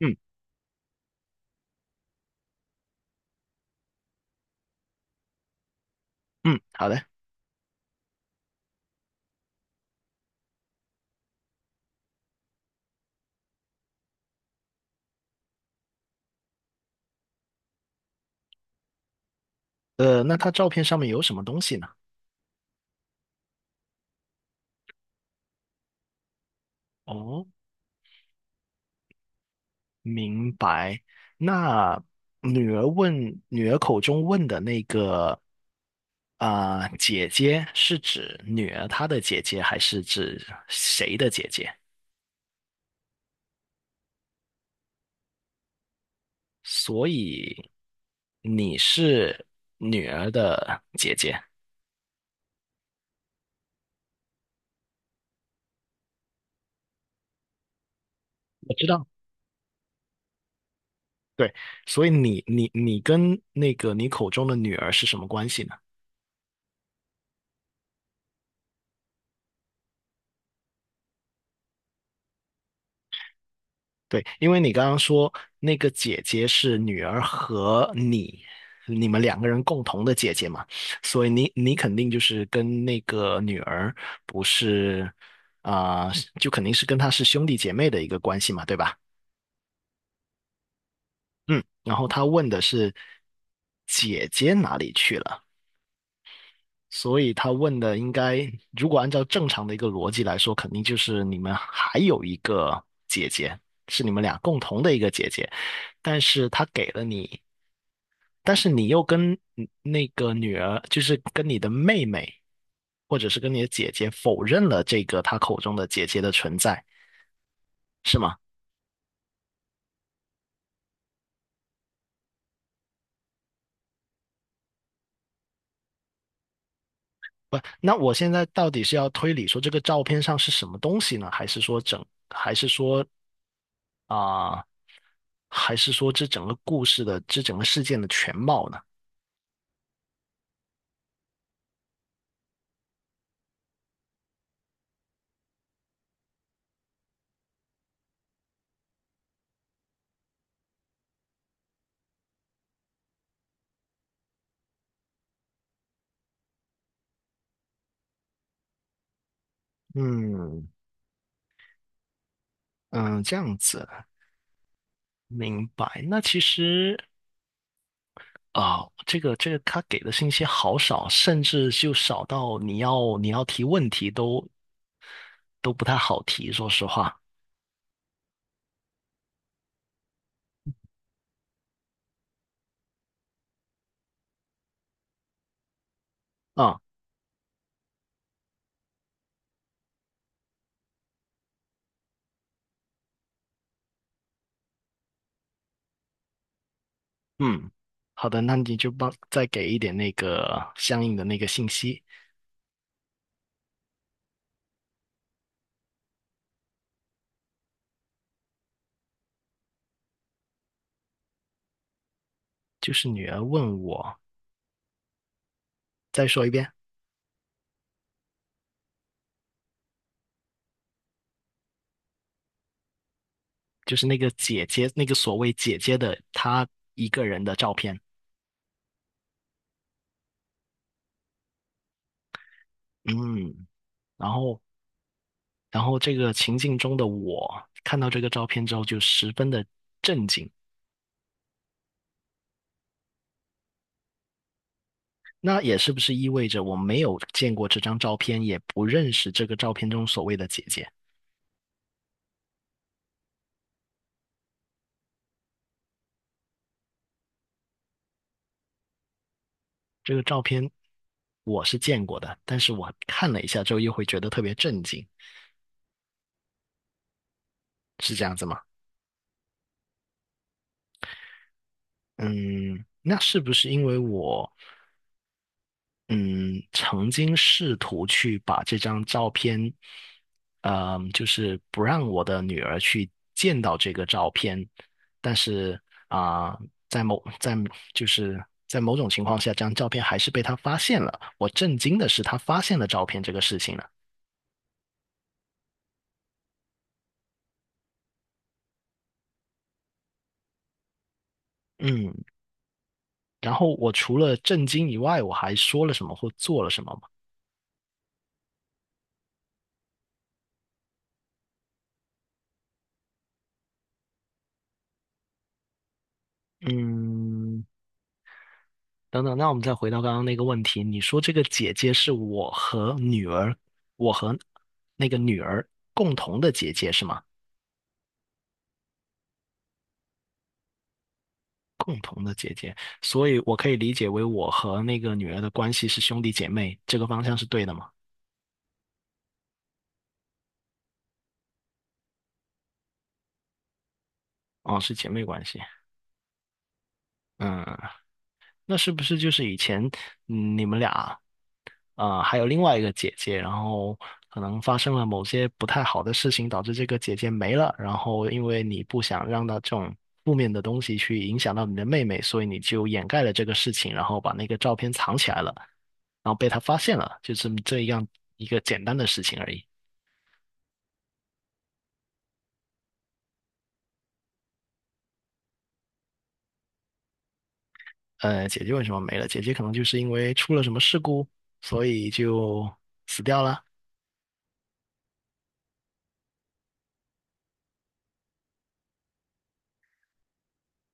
嗯嗯，好的。那他照片上面有什么东西呢？哦，明白。那女儿问，女儿口中问的那个姐姐是指女儿她的姐姐，还是指谁的姐姐？所以你是女儿的姐姐，我知道。对，所以你跟那个你口中的女儿是什么关系呢？对，因为你刚刚说那个姐姐是女儿和你，你们两个人共同的姐姐嘛，所以你肯定就是跟那个女儿不是啊、就肯定是跟她是兄弟姐妹的一个关系嘛，对吧？嗯，然后他问的是姐姐哪里去了，所以他问的应该如果按照正常的一个逻辑来说，肯定就是你们还有一个姐姐，是你们俩共同的一个姐姐。但是他给了你但是你又跟那个女儿，就是跟你的妹妹，或者是跟你的姐姐否认了这个她口中的姐姐的存在，是吗？不，那我现在到底是要推理说这个照片上是什么东西呢？还是说整，还是说啊、还是说这整个故事的，这整个事件的全貌呢？嗯嗯，这样子明白。那其实啊、这个他给的信息好少，甚至就少到你要提问题都不太好提，说实话。啊，嗯，好的，那你就帮再给一点那个相应的那个信息，就是女儿问我，再说一遍，就是那个姐姐，那个所谓姐姐的她一个人的照片。嗯，然后然后这个情境中的我看到这个照片之后就十分的震惊。那也是不是意味着我没有见过这张照片，也不认识这个照片中所谓的姐姐？这个照片我是见过的，但是我看了一下之后又会觉得特别震惊，是这样子吗？嗯，那是不是因为我嗯曾经试图去把这张照片，嗯，就是不让我的女儿去见到这个照片，但是啊、在某在就是在某种情况下，这张照片还是被她发现了。我震惊的是她发现了照片这个事情呢，嗯，然后我除了震惊以外，我还说了什么或做了什么吗？嗯，等等，那我们再回到刚刚那个问题，你说这个姐姐是我和女儿，我和那个女儿共同的姐姐是吗？共同的姐姐，所以我可以理解为我和那个女儿的关系是兄弟姐妹，这个方向是对的吗？哦，是姐妹关系。嗯，那是不是就是以前你们俩还有另外一个姐姐，然后可能发生了某些不太好的事情，导致这个姐姐没了。然后因为你不想让她这种负面的东西去影响到你的妹妹，所以你就掩盖了这个事情，然后把那个照片藏起来了，然后被她发现了，就这样一个简单的事情而已。姐姐为什么没了？姐姐可能就是因为出了什么事故，所以就死掉了。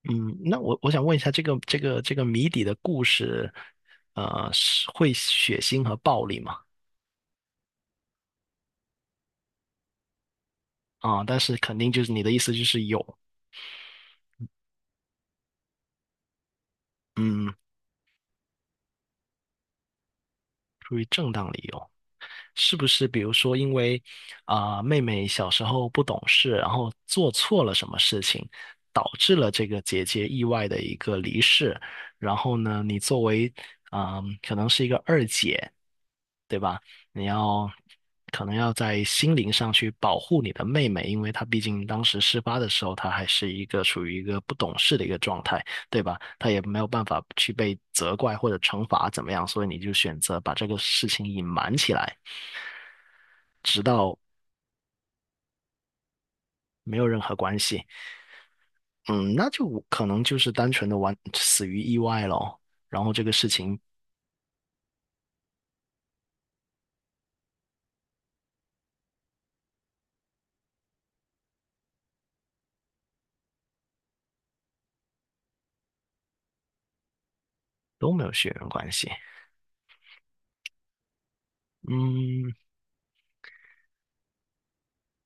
嗯，那我想问一下，这个谜底的故事，是会血腥和暴力吗？但是肯定就是你的意思就是有，嗯，出于正当理由，是不是？比如说因为妹妹小时候不懂事，然后做错了什么事情，导致了这个姐姐意外的一个离世，然后呢，你作为可能是一个二姐。对吧？你要可能要在心灵上去保护你的妹妹，因为她毕竟当时事发的时候，她还是一个处于一个不懂事的一个状态，对吧？她也没有办法去被责怪或者惩罚怎么样，所以你就选择把这个事情隐瞒起来，直到没有任何关系。嗯，那就可能就是单纯的完死于意外咯，然后这个事情都没有血缘关系。嗯，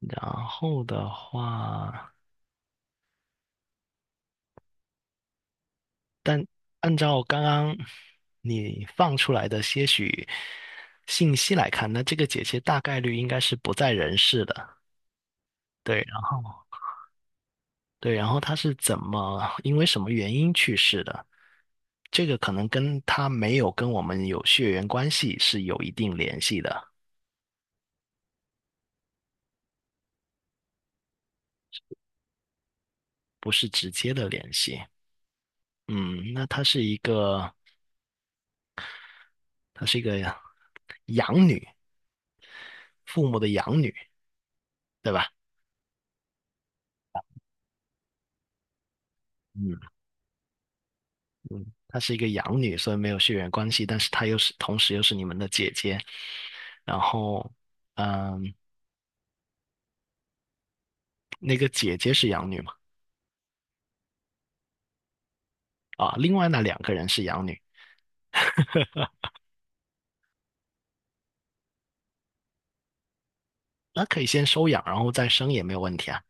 然后的话。按照刚刚你放出来的些许信息来看，那这个姐姐大概率应该是不在人世的。对，然后对，然后她是怎么，因为什么原因去世的？这个可能跟她没有跟我们有血缘关系是有一定联系的，不是直接的联系。嗯，那她是一个，她是一个养女，父母的养女，对吧？嗯。嗯，她是一个养女，所以没有血缘关系，但是她又是同时又是你们的姐姐。然后，嗯，那个姐姐是养女嘛？啊，另外那两个人是养女，那可以先收养，然后再生也没有问题啊。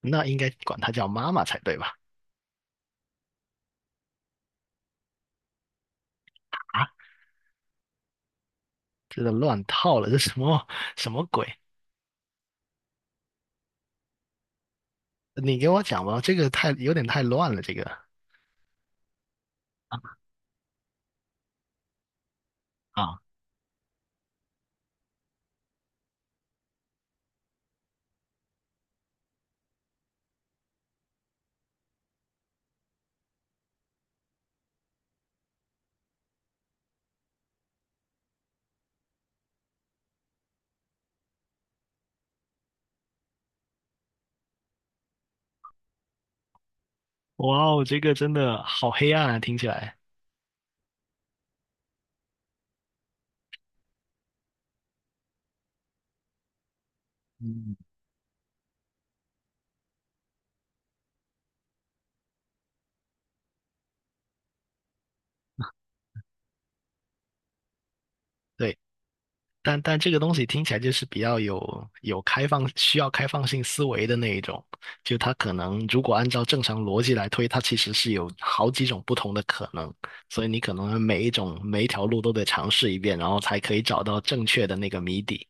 那应该管她叫妈妈才对吧？啊，这个乱套了，这什么鬼？你给我讲吧，这个太有点太乱了，这个啊，哇哦，这个真的好黑暗啊，听起来。嗯，对。但但这个东西听起来就是比较有开放，需要开放性思维的那一种。就它可能如果按照正常逻辑来推，它其实是有好几种不同的可能，所以你可能每一种每一条路都得尝试一遍，然后才可以找到正确的那个谜底。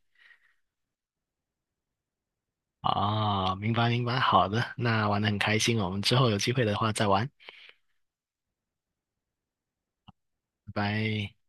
啊，明白，好的，那玩得很开心哦我们之后有机会的话再玩，拜拜。